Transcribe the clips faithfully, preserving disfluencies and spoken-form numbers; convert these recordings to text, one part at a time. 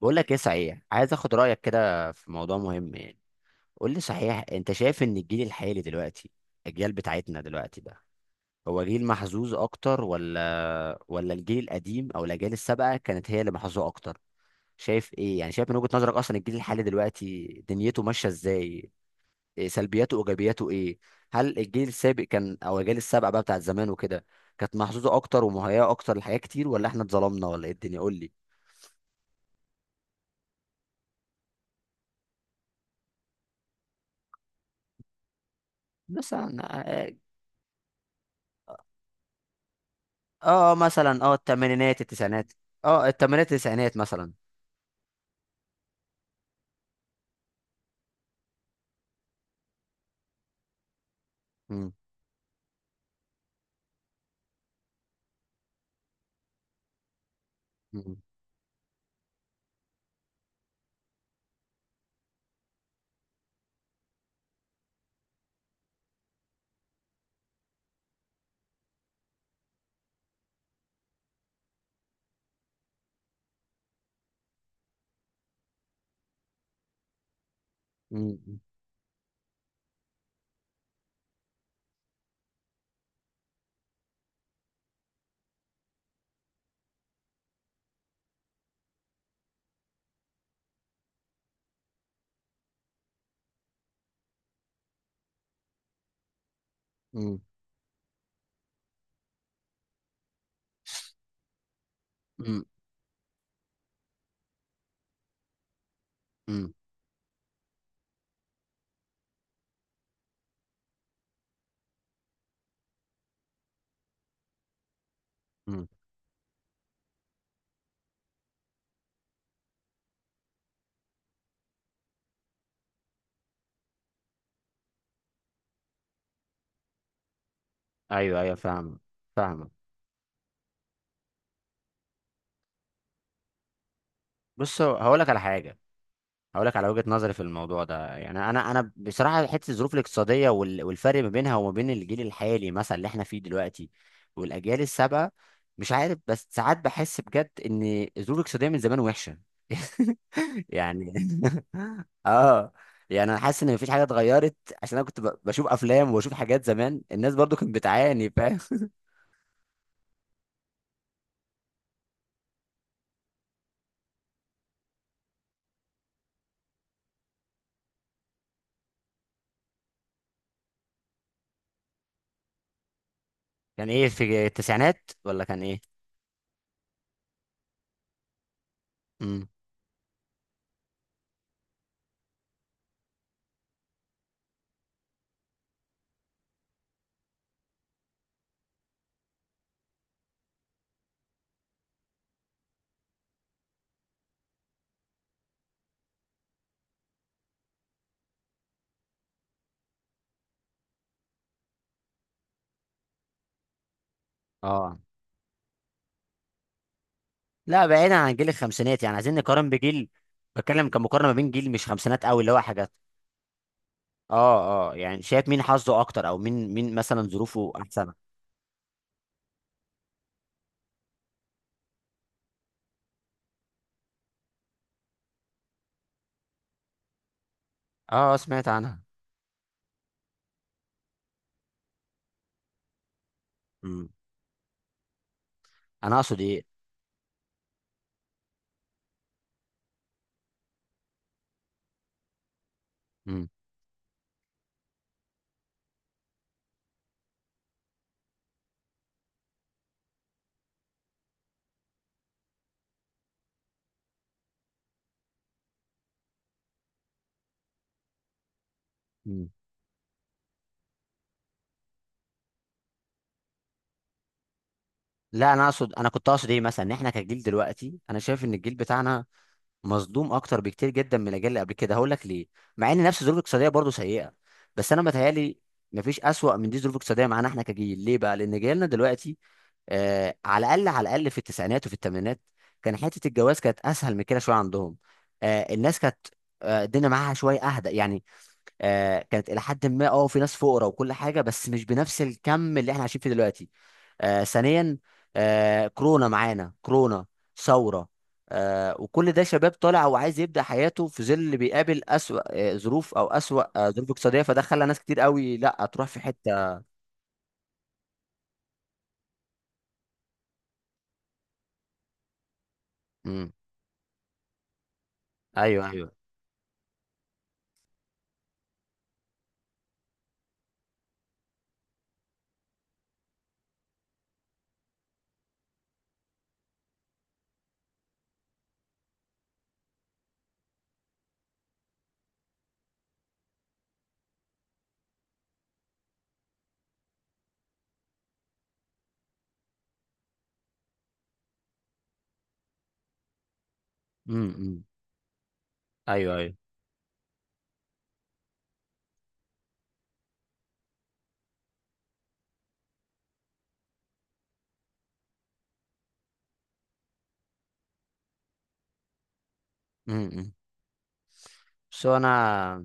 بقول لك ايه صحيح، عايز اخد رايك كده في موضوع مهم يعني. قول لي صحيح، انت شايف ان الجيل الحالي دلوقتي، الجيل بتاعتنا دلوقتي ده، هو جيل محظوظ اكتر ولا ولا الجيل القديم او الاجيال السابقه كانت هي اللي محظوظه اكتر؟ شايف ايه يعني، شايف من وجهة نظرك اصلا الجيل الحالي دلوقتي دنيته ماشيه ازاي؟ إيه سلبياته وايجابياته ايه؟ هل الجيل السابق كان او الاجيال السابقه بقى بتاعت زمان وكده كانت محظوظه اكتر ومهيئه اكتر لحاجات كتير، ولا احنا اتظلمنا، ولا ايه الدنيا؟ قول لي. مثلا. اه، مثلا اه الثمانينات التسعينات. اه، الثمانينات التسعينات مثلا. مم. مم. مم. مم. مم. مم. مم. ايوه، ايوه، فاهم. فاهم. بص، هقول لك على حاجه. هقول لك على وجهة نظري في الموضوع ده يعني، انا انا بصراحة حتة الظروف الاقتصادية وال- والفرق ما بينها وما بين الجيل الحالي مثلا اللي احنا فيه دلوقتي والاجيال السابقة. مش عارف، بس ساعات بحس بجد ان الظروف الاقتصادية من زمان وحشة. يعني اه. يعني انا حاسس ان مفيش حاجة اتغيرت. عشان انا كنت ب- بشوف افلام وبشوف حاجات زمان الناس برضو كانت بتعاني، فاهم. كان ايه في التسعينات، ولا كان ايه؟ امم. اه، لا، بعيدا عن جيل الخمسينات، يعني عايزين نقارن بجيل. بتكلم كمقارنه ما بين جيل مش خمسينات قوي، اللي هو حاجات. اه، اه، يعني شايف مين حظه اكتر، او مين مين مثلا ظروفه احسن؟ اه، سمعت عنها. امم. انا اقصد ايه. امم، امم. لا، انا اقصد انا كنت اقصد ايه مثلا، ان احنا كجيل دلوقتي، انا شايف ان الجيل بتاعنا مصدوم اكتر بكتير جدا من الاجيال اللي قبل كده. هقول لك ليه. مع ان نفس الظروف الاقتصاديه برضه سيئه، بس انا متهيالي مفيش اسوأ من دي ظروف اقتصاديه معانا احنا كجيل. ليه بقى؟ لان جيلنا دلوقتي، آه، على الاقل، على الاقل في التسعينات وفي الثمانينات كان حته الجواز كانت اسهل من كده شويه عندهم. آه، الناس كانت، آه، الدنيا معاها شويه اهدى يعني. آه، كانت الى حد ما، اه، في ناس فقراء وكل حاجه، بس مش بنفس الكم اللي احنا عايشين فيه دلوقتي. آه، ثانيا، آه، كورونا، معانا كورونا، ثوره، آه، وكل ده شباب طالع وعايز يبدا حياته في ظل اللي بيقابل اسوأ آه، ظروف، او اسوأ آه، ظروف اقتصاديه. فده خلى ناس كتير قوي لا تروح في حته. امم. ايوه، ايوه. امم. ايوه، ايوه. امم. بس انا،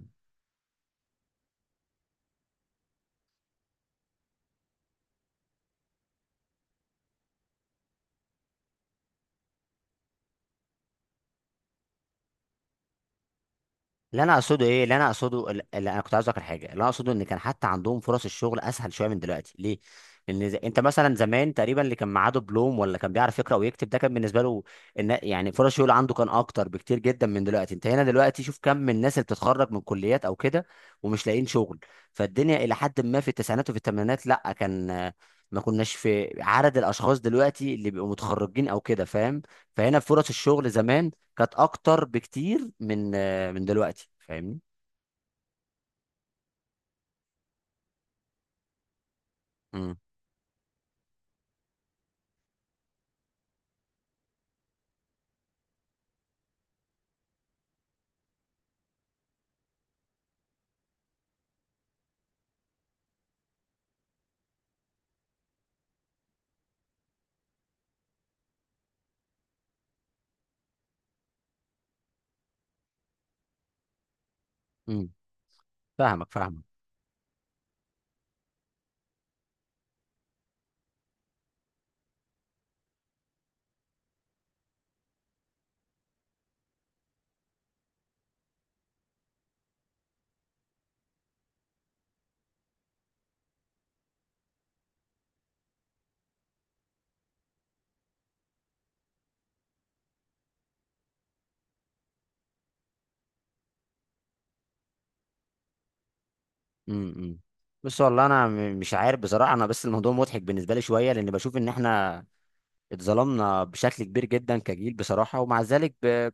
اللي انا اقصده ايه اللي انا اقصده اللي انا كنت عايز اذكر حاجه اللي انا اقصده ان كان حتى عندهم فرص الشغل اسهل شويه من دلوقتي. ليه؟ لان، ز- انت مثلا زمان تقريبا اللي كان معاه دبلوم، ولا كان بيعرف يقرا ويكتب، ده كان بالنسبه له إن يعني فرص الشغل عنده كان اكتر بكتير جدا من دلوقتي. انت هنا دلوقتي شوف كم من الناس اللي بتتخرج من كليات او كده ومش لاقيين شغل. فالدنيا الى حد ما في التسعينات وفي الثمانينات لا كان، آه، ما كناش في عدد الاشخاص دلوقتي اللي بيبقوا متخرجين او كده، فاهم. فهنا فرص الشغل زمان كانت اكتر بكتير من من دلوقتي، فاهمني؟ امم، امم. فاهمك، فاهمك. امم، امم. بص، والله انا، م- مش عارف بصراحه، انا بس الموضوع مضحك بالنسبه لي شويه، لان بشوف ان احنا اتظلمنا بشكل كبير جدا كجيل بصراحه، ومع ذلك ب...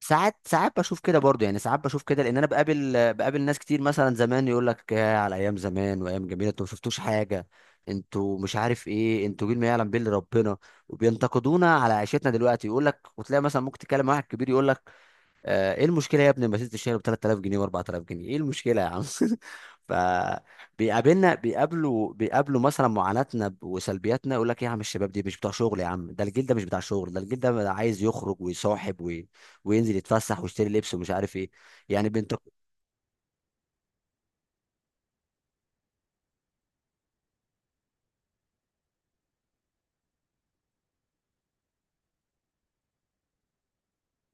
ساعات، ساعات بشوف كده برضه، يعني ساعات بشوف كده، لان انا بقابل بقابل ناس كتير مثلا زمان يقول لك: يا على ايام زمان وايام جميله، انتوا ما شفتوش حاجه، انتوا مش عارف ايه، انتوا جيل ما يعلم به إلا ربنا. وبينتقدونا على عيشتنا دلوقتي، يقول لك، وتلاقي مثلا ممكن تتكلم مع واحد كبير يقول لك، آه، ايه المشكله يا ابني، ما ست الشهر ب تلت الاف جنيه و اربعة آلاف جنيه، ايه المشكله يا عم؟ ف بيقابلنا بيقابلوا بيقابلوا مثلا معاناتنا ب- وسلبياتنا، يقول لك ايه يا عم، الشباب دي مش بتوع شغل يا عم، ده الجيل ده مش بتاع شغل، ده الجيل ده عايز يخرج ويصاحب وي... وينزل يتفسح ويشتري لبس، ومش عارف ايه يعني بنت.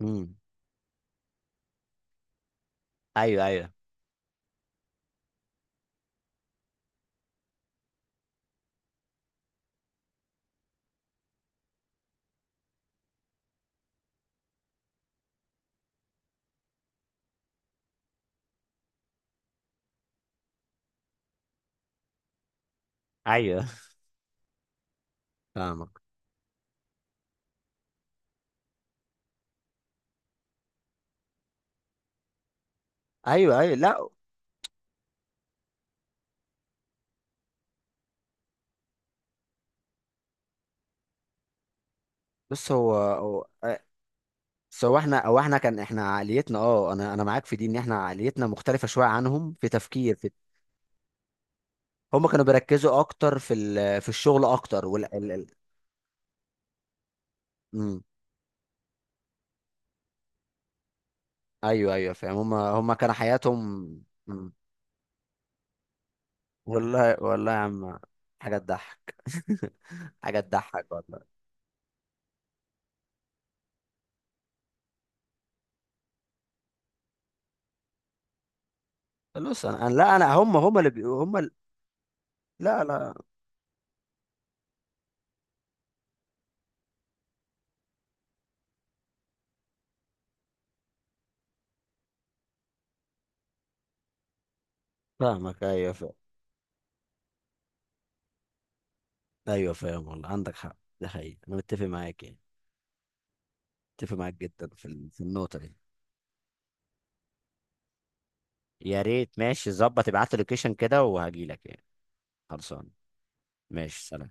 امم. ايوه، ايوه. ايوه، فاهمك. ايوه، ايوه، لا. بص، هو هو آه، سواء احنا او احنا، كان احنا عقليتنا، اه، انا انا معاك في دي، ان احنا عقليتنا مختلفه شويه عنهم في تفكير في. هم كانوا بيركزوا اكتر في ال- في الشغل اكتر وال ال... ال... مم. ايوه، ايوه، فاهم. هم هم كان حياتهم. مم. والله، والله يا عم، حاجه تضحك. حاجه تضحك والله. بص انا، أنا- لا، انا هم هم اللي بي... هم ال- لا، لا. فاهمك، ايوه، فاهم. ايوه، فاهم، والله عندك حق، ده حقيقي، انا متفق معاك يعني. متفق معاك جدا في ال- في النقطه دي. يا ريت، ماشي، ظبط ابعت لي لوكيشن كده وهجيلك يعني. خلصان. ماشي، سلام.